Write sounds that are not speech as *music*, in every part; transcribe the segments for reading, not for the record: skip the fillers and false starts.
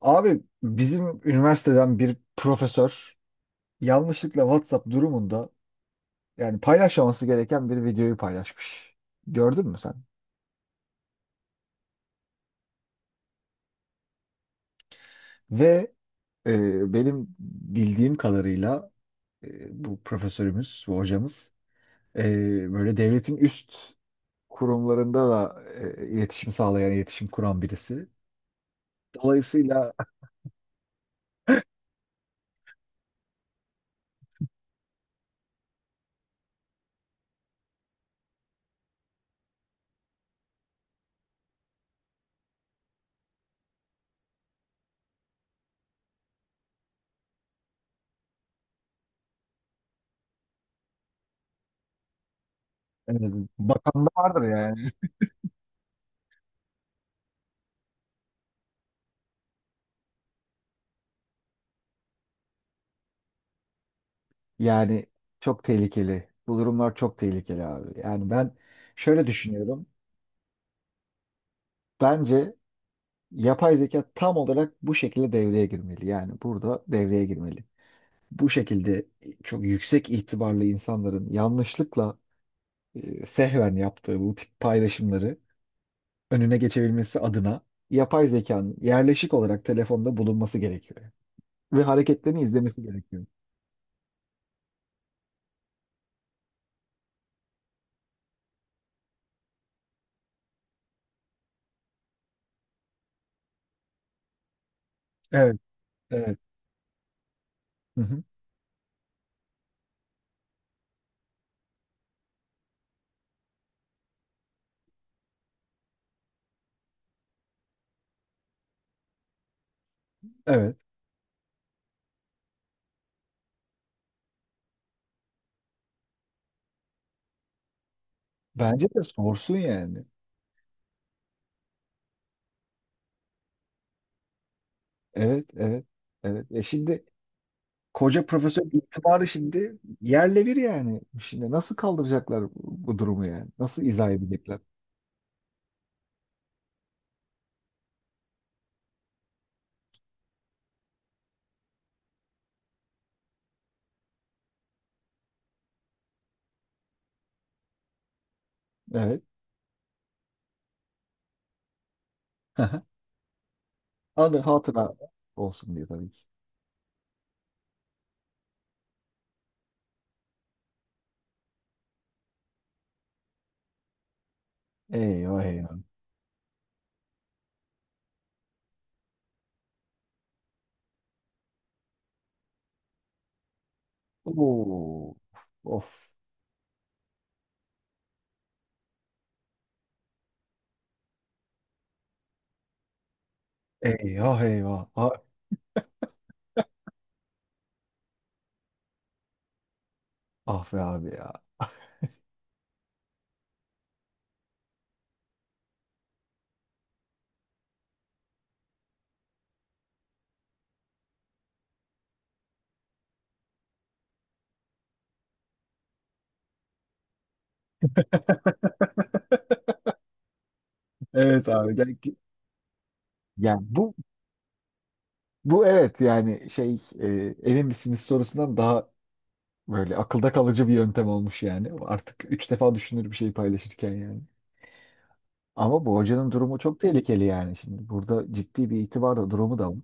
Abi bizim üniversiteden bir profesör yanlışlıkla WhatsApp durumunda yani paylaşmaması gereken bir videoyu paylaşmış. Gördün mü sen? Ve Benim bildiğim kadarıyla bu profesörümüz, bu hocamız, e, böyle devletin üst kurumlarında da iletişim sağlayan, iletişim kuran birisi. Dolayısıyla e, Bakan da vardır yani. Yani çok tehlikeli. Bu durumlar çok tehlikeli abi. Yani ben şöyle düşünüyorum. Bence yapay zeka tam olarak bu şekilde devreye girmeli. Yani burada devreye girmeli. Bu şekilde çok yüksek itibarlı insanların yanlışlıkla sehven yaptığı bu tip paylaşımları önüne geçebilmesi adına yapay zekanın yerleşik olarak telefonda bulunması gerekiyor. Ve hareketlerini izlemesi gerekiyor. Evet, evet. Hı hı, evet. Bence de sorsun yani. Evet, evet, evet. E şimdi Koca profesör itibarı şimdi yerle bir yani. Şimdi nasıl kaldıracaklar bu durumu yani? Nasıl izah edecekler? Evet. *laughs* Anı hatıra olsun diye tabii ki. Eyvah eyvah. Oo, of. Eyvah eyvah. Ah, ah be abi ya. Evet abi. Yani, yani bu bu evet, yani emin misiniz sorusundan daha böyle akılda kalıcı bir yöntem olmuş yani. Artık üç defa düşünür bir şey paylaşırken yani. Ama bu hocanın durumu çok tehlikeli yani. Şimdi burada ciddi bir itibar da durumu da var.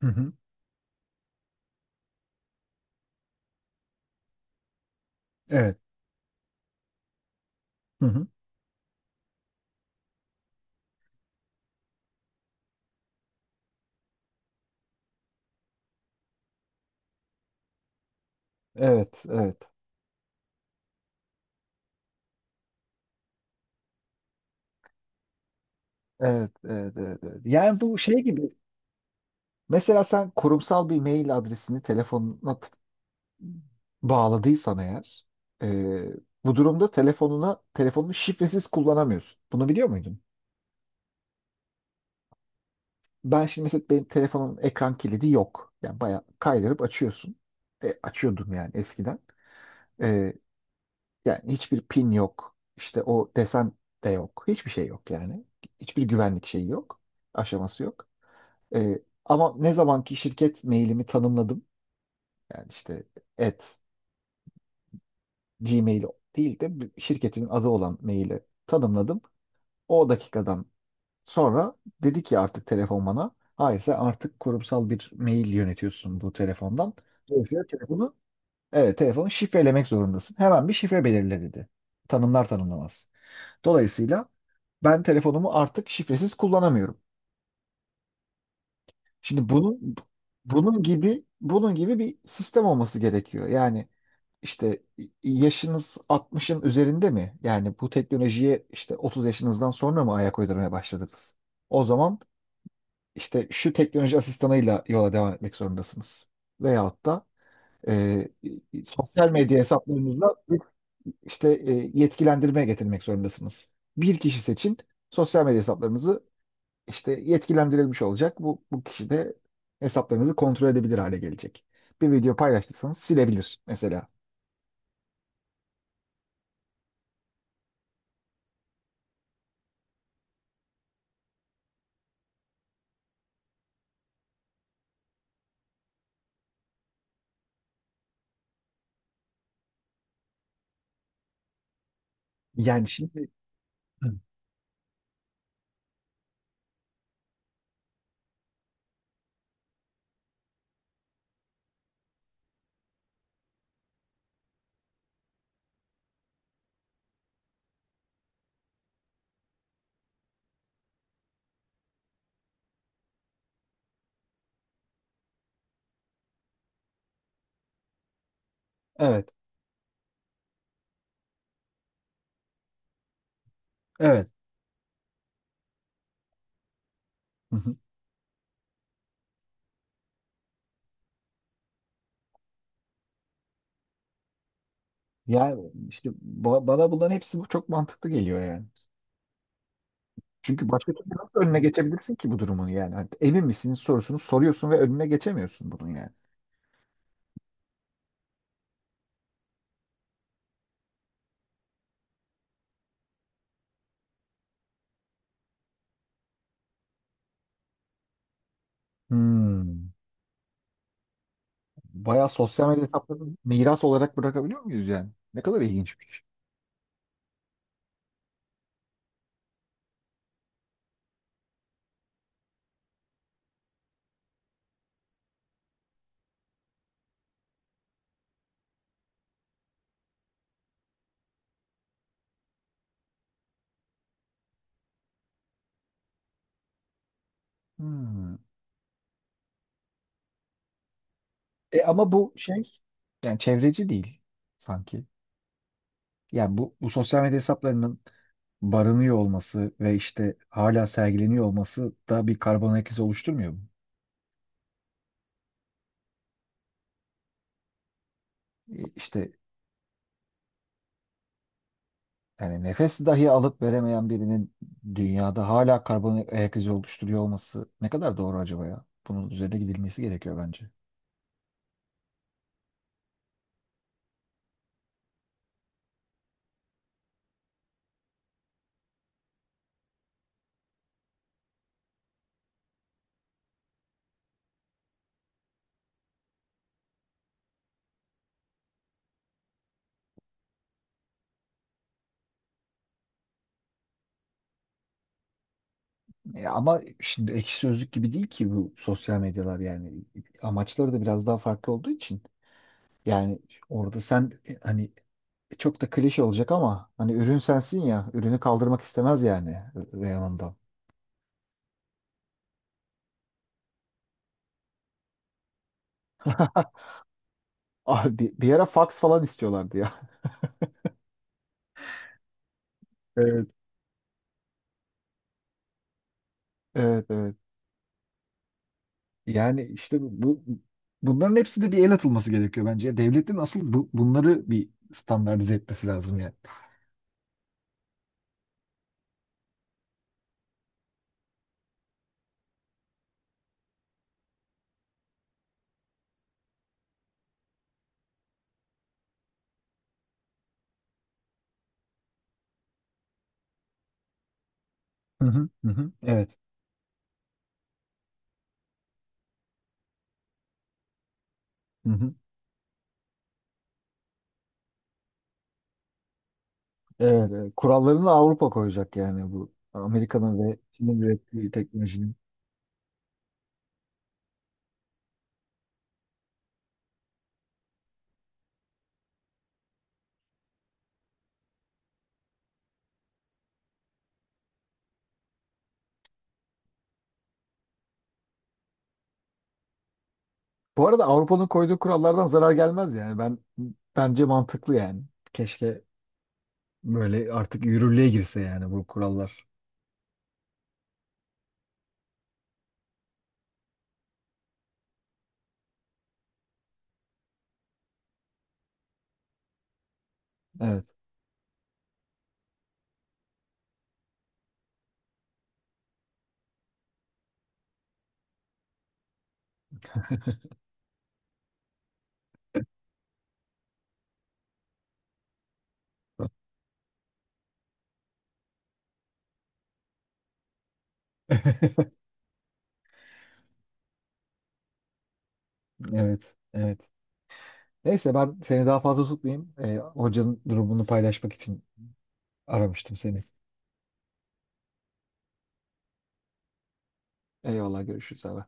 Hı hı. Evet. Hı hı. Evet, evet. Evet, evet, evet, evet. Yani bu şey gibi. Mesela sen kurumsal bir mail adresini telefonuna bağladıysan eğer, e, bu durumda telefonunu şifresiz kullanamıyorsun. Bunu biliyor muydun? Ben şimdi mesela benim telefonun ekran kilidi yok. Yani bayağı kaydırıp açıyorsun. E, açıyordum yani eskiden. Yani hiçbir pin yok. İşte o desen de yok. Hiçbir şey yok yani. Hiçbir güvenlik şeyi yok. Aşaması yok. Ee, Ama ne zamanki şirket mailimi tanımladım. Yani işte at Gmail değil de bir şirketimin adı olan maili tanımladım. O dakikadan sonra dedi ki artık telefon bana hayır, sen artık kurumsal bir mail yönetiyorsun bu telefondan. Dolayısıyla evet telefonu şifrelemek zorundasın. Hemen bir şifre belirle dedi. Tanımlar tanımlamaz. Dolayısıyla ben telefonumu artık şifresiz kullanamıyorum. Şimdi bunun gibi bir sistem olması gerekiyor. Yani işte yaşınız 60'ın üzerinde mi? Yani bu teknolojiye işte 30 yaşınızdan sonra mı ayak uydurmaya başladınız? O zaman işte şu teknoloji asistanıyla yola devam etmek zorundasınız. Veyahut da e, sosyal medya hesaplarınızla bir işte yetkilendirmeye getirmek zorundasınız. Bir kişi seçin, sosyal medya hesaplarınızı işte yetkilendirilmiş olacak. Bu kişi de hesaplarınızı kontrol edebilir hale gelecek. Bir video paylaştıysanız silebilir mesela. Yani şimdi. Hı. Evet, evet. Hı hı. Yani işte bana bunların hepsi bu çok mantıklı geliyor yani. Çünkü başka türlü nasıl önüne geçebilirsin ki bu durumun yani? Hani emin misin sorusunu soruyorsun ve önüne geçemiyorsun bunun yani. Hmm. Bayağı sosyal medya hesaplarını miras olarak bırakabiliyor muyuz yani? Ne kadar ilginçmiş. Hmm. E ama bu şey yani çevreci değil sanki. Yani bu sosyal medya hesaplarının barınıyor olması ve işte hala sergileniyor olması da bir karbon ayak izi oluşturmuyor mu? E, İşte yani nefes dahi alıp veremeyen birinin dünyada hala karbon ayak izi oluşturuyor olması ne kadar doğru acaba ya? Bunun üzerine gidilmesi gerekiyor bence. Ama şimdi ekşi sözlük gibi değil ki bu sosyal medyalar yani. Amaçları da biraz daha farklı olduğu için. Yani orada sen, hani çok da klişe olacak ama hani ürün sensin ya. Ürünü kaldırmak istemez yani Reyhan'dan. *laughs* Abi bir ara fax falan istiyorlardı ya. *laughs* Evet. Evet, evet. Yani işte bunların hepsi de bir el atılması gerekiyor bence. Devletin asıl bunları bir standartize etmesi lazım yani. Hı hı, hı hı. Evet. Hı hı. Evet, evet. Kurallarını Avrupa koyacak yani bu Amerika'nın ve Çin'in ürettiği teknolojinin. Bu arada Avrupa'nın koyduğu kurallardan zarar gelmez yani. Ben bence mantıklı yani. Keşke böyle artık yürürlüğe girse yani bu kurallar. Evet. *laughs* Evet. Evet. Neyse ben seni daha fazla tutmayayım. Hocanın durumunu paylaşmak için aramıştım seni. Eyvallah, görüşürüz abi.